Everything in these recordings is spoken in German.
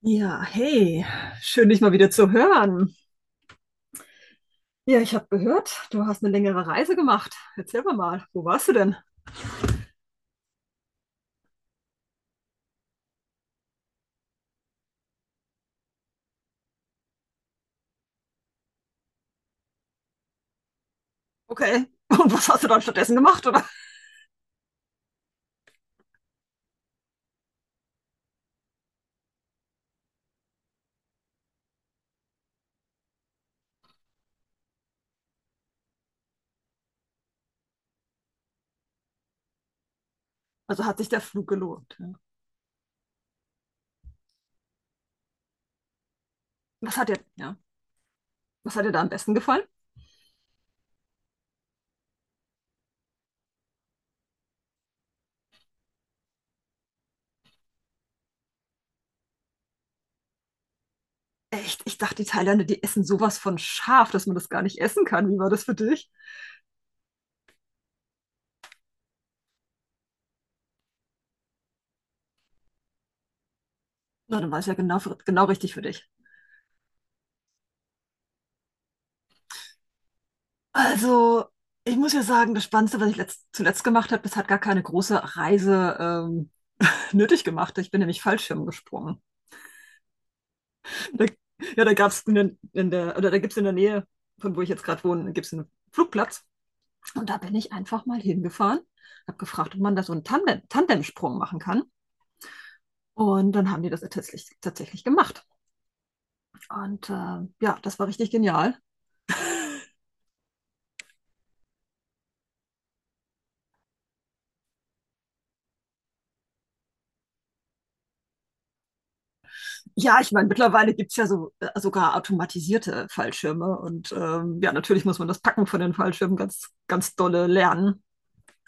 Ja, hey, schön dich mal wieder zu hören. Ja, ich habe gehört, du hast eine längere Reise gemacht. Erzähl mir mal, wo warst du denn? Okay. Und was hast du dann stattdessen gemacht, oder? Also hat sich der Flug gelohnt. Ja. Was hat dir, ja, Was hat dir da am besten gefallen? Echt, ich dachte, die Thailänder, die essen sowas von scharf, dass man das gar nicht essen kann. Wie war das für dich? Na, dann war es ja genau richtig für dich. Also, ich muss ja sagen, das Spannendste, was ich zuletzt gemacht habe, das hat gar keine große Reise nötig gemacht. Ich bin nämlich Fallschirm gesprungen. Da, ja, da gab es in der, oder Da gibt es in der Nähe, von wo ich jetzt gerade wohne, gibt es einen Flugplatz. Und da bin ich einfach mal hingefahren, habe gefragt, ob man da so einen Tandemsprung machen kann. Und dann haben die das tatsächlich gemacht. Und ja, das war richtig genial. Ja, ich meine, mittlerweile gibt es ja so, sogar automatisierte Fallschirme. Und ja, natürlich muss man das Packen von den Fallschirmen ganz dolle lernen.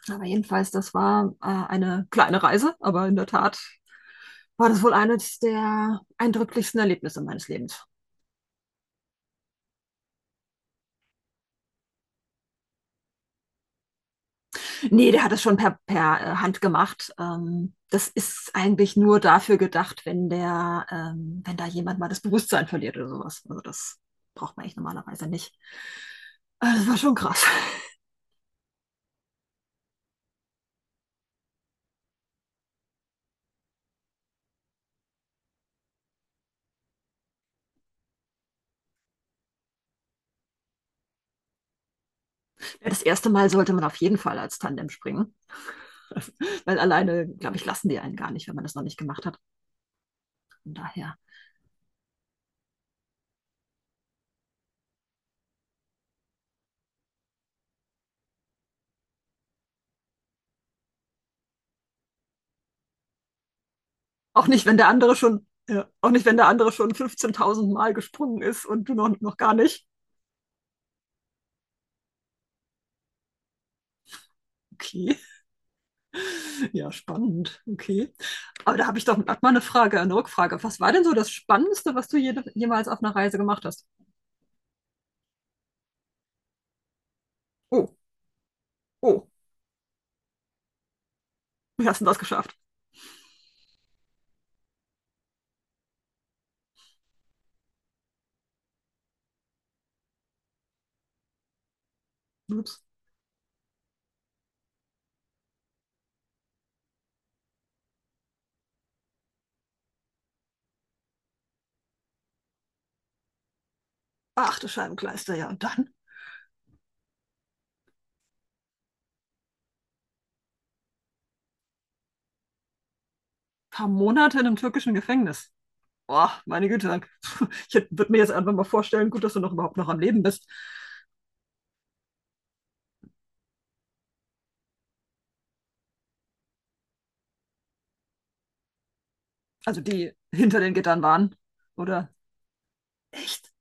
Aber jedenfalls, das war eine kleine Reise, aber in der Tat war das wohl eines der eindrücklichsten Erlebnisse meines Lebens. Nee, der hat es schon per Hand gemacht. Das ist eigentlich nur dafür gedacht, wenn wenn da jemand mal das Bewusstsein verliert oder sowas. Also das braucht man eigentlich normalerweise nicht. Das war schon krass. Ja, das erste Mal sollte man auf jeden Fall als Tandem springen, weil alleine, glaube ich, lassen die einen gar nicht, wenn man das noch nicht gemacht hat. Von daher auch nicht, wenn der andere schon, ja, auch nicht, wenn der andere schon 15.000 Mal gesprungen ist und du noch gar nicht. Okay, ja, spannend. Okay. Aber da habe ich doch grad mal eine Frage, eine Rückfrage. Was war denn so das Spannendste, was du jemals auf einer Reise gemacht hast? Oh, oh, wie hast du das geschafft? Ups. Ach, du Scheibenkleister, ja. Und dann ein paar Monate in einem türkischen Gefängnis. Boah, meine Güte. Ich würde mir jetzt einfach mal vorstellen, gut, dass du noch überhaupt noch am Leben bist. Also die hinter den Gittern waren, oder? Echt?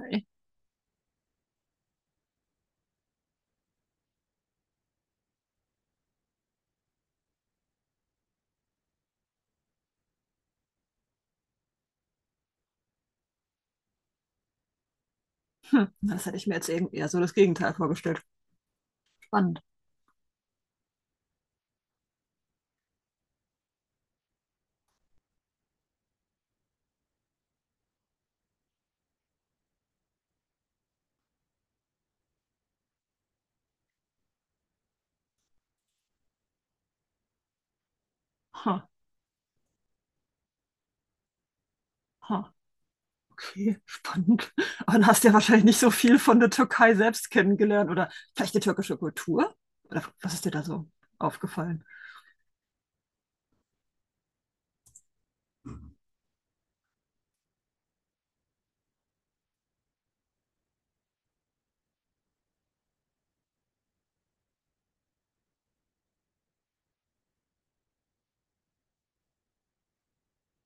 Okay. Hm, das hätte ich mir jetzt irgendwie eher so das Gegenteil vorgestellt. Spannend. Ha, ha, okay, spannend. Aber dann hast du ja wahrscheinlich nicht so viel von der Türkei selbst kennengelernt oder vielleicht die türkische Kultur? Oder was ist dir da so aufgefallen?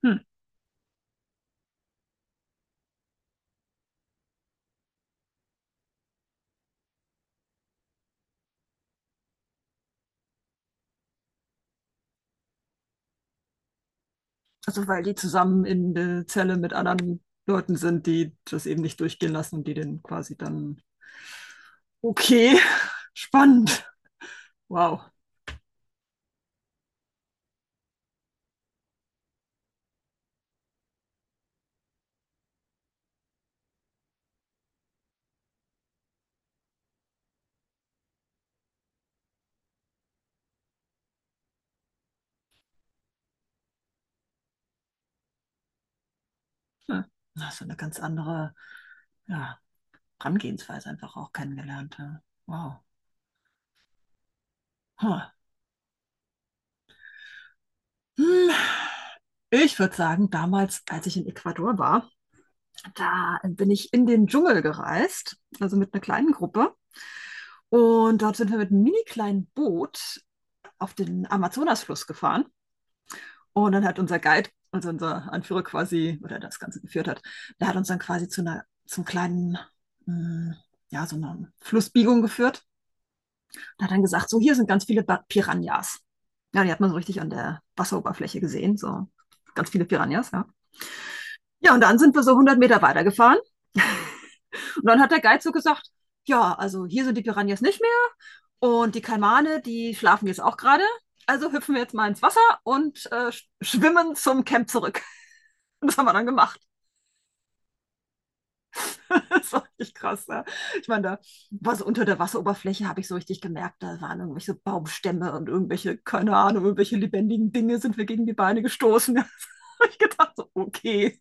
Hm. Also, weil die zusammen in der Zelle mit anderen Leuten sind, die das eben nicht durchgehen lassen und die den quasi dann. Okay, spannend. Wow. Hm. Na, so eine ja, Herangehensweise einfach auch kennengelernt. Ja. Wow. Ha. Hm. Ich würde sagen, damals, als ich in Ecuador war, da bin ich in den Dschungel gereist, also mit einer kleinen Gruppe. Und dort sind wir mit einem mini kleinen Boot auf den Amazonasfluss gefahren. Und dann hat unser Guide, also unser Anführer quasi, oder der das Ganze geführt hat, der hat uns dann quasi zu zum kleinen, mh, ja, so einer Flussbiegung geführt. Und hat dann gesagt, so hier sind Piranhas. Ja, die hat man so richtig an der Wasseroberfläche gesehen, so ganz viele Piranhas, ja. Ja, und dann sind wir so 100 Meter weitergefahren. Und dann hat der Guide so gesagt, ja, also hier sind die Piranhas nicht mehr und die Kaimane die schlafen jetzt auch gerade. Also hüpfen wir jetzt mal ins Wasser und schwimmen zum Camp zurück. Das haben wir dann gemacht. Das war richtig krass. Ja. Ich meine, da war so unter der Wasseroberfläche, habe ich so richtig gemerkt, da waren irgendwelche Baumstämme und irgendwelche, keine Ahnung, irgendwelche lebendigen Dinge sind wir gegen die Beine gestoßen. Da habe ich gedacht, so, okay.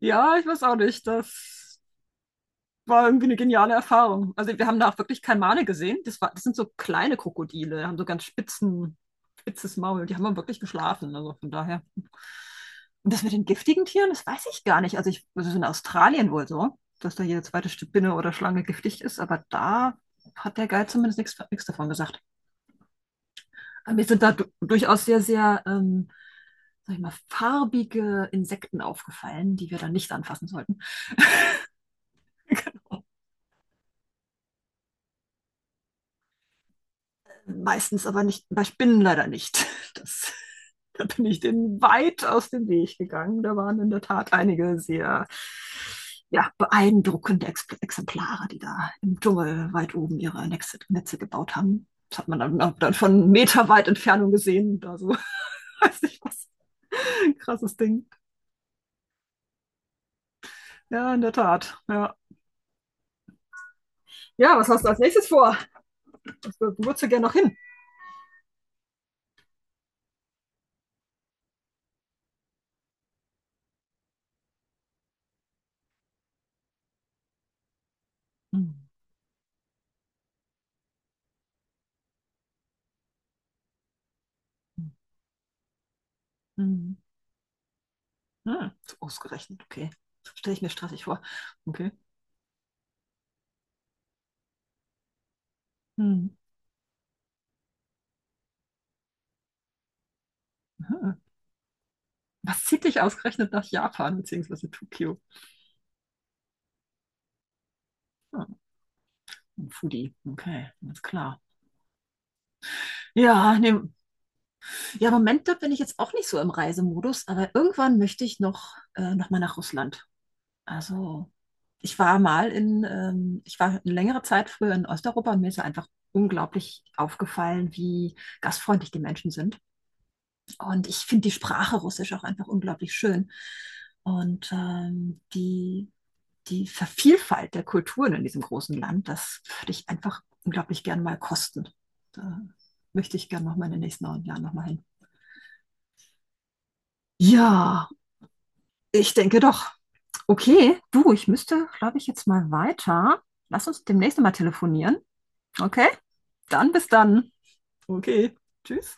Ja, ich weiß auch nicht, das war irgendwie eine geniale Erfahrung. Also wir haben da auch wirklich Kalmane gesehen. Das sind so kleine Krokodile, haben so spitzes Maul. Die haben wir wirklich geschlafen. Also von daher. Und das mit den giftigen Tieren, das weiß ich gar nicht. Das ist in Australien wohl so, dass da jede zweite Spinne oder Schlange giftig ist, aber da hat der Guide zumindest nichts davon gesagt. Aber mir sind da du durchaus sehr, sag ich mal, farbige Insekten aufgefallen, die wir dann nicht anfassen sollten. Genau. Meistens aber nicht, bei Spinnen leider nicht. Das, da bin ich denen weit aus dem Weg gegangen. Da waren in der Tat einige sehr ja, beeindruckende Ex Exemplare, die da im Dschungel weit oben ihre Netze gebaut haben. Das hat man dann von meterweit Entfernung gesehen. Da so, weiß nicht was. Krasses Ding. Ja, in der Tat. Ja, ja was hast du als nächstes vor? Wo würdest du gerne noch hin? Mhm. Mhm. Hm, ausgerechnet, okay. Stelle ich mir stressig vor. Okay. Hm. Hm. Was zieht dich ausgerechnet nach Japan beziehungsweise Tokio? Hm. Ein Foodie. Okay, alles klar. Ja, nee. Ja, im Moment da bin ich jetzt auch nicht so im Reisemodus, aber irgendwann möchte ich noch mal nach Russland. Also, ich war mal ich war eine längere Zeit früher in Osteuropa und mir ist ja einfach unglaublich aufgefallen, wie gastfreundlich die Menschen sind. Und ich finde die Sprache Russisch auch einfach unglaublich schön. Und die Vielfalt der Kulturen in diesem großen Land, das würde ich einfach unglaublich gern mal kosten. Da möchte ich gern noch mal in den nächsten Jahren noch mal hin. Ja, ich denke doch. Okay, du, ich müsste, glaube ich, jetzt mal weiter. Lass uns demnächst mal telefonieren. Okay, dann bis dann. Okay, tschüss.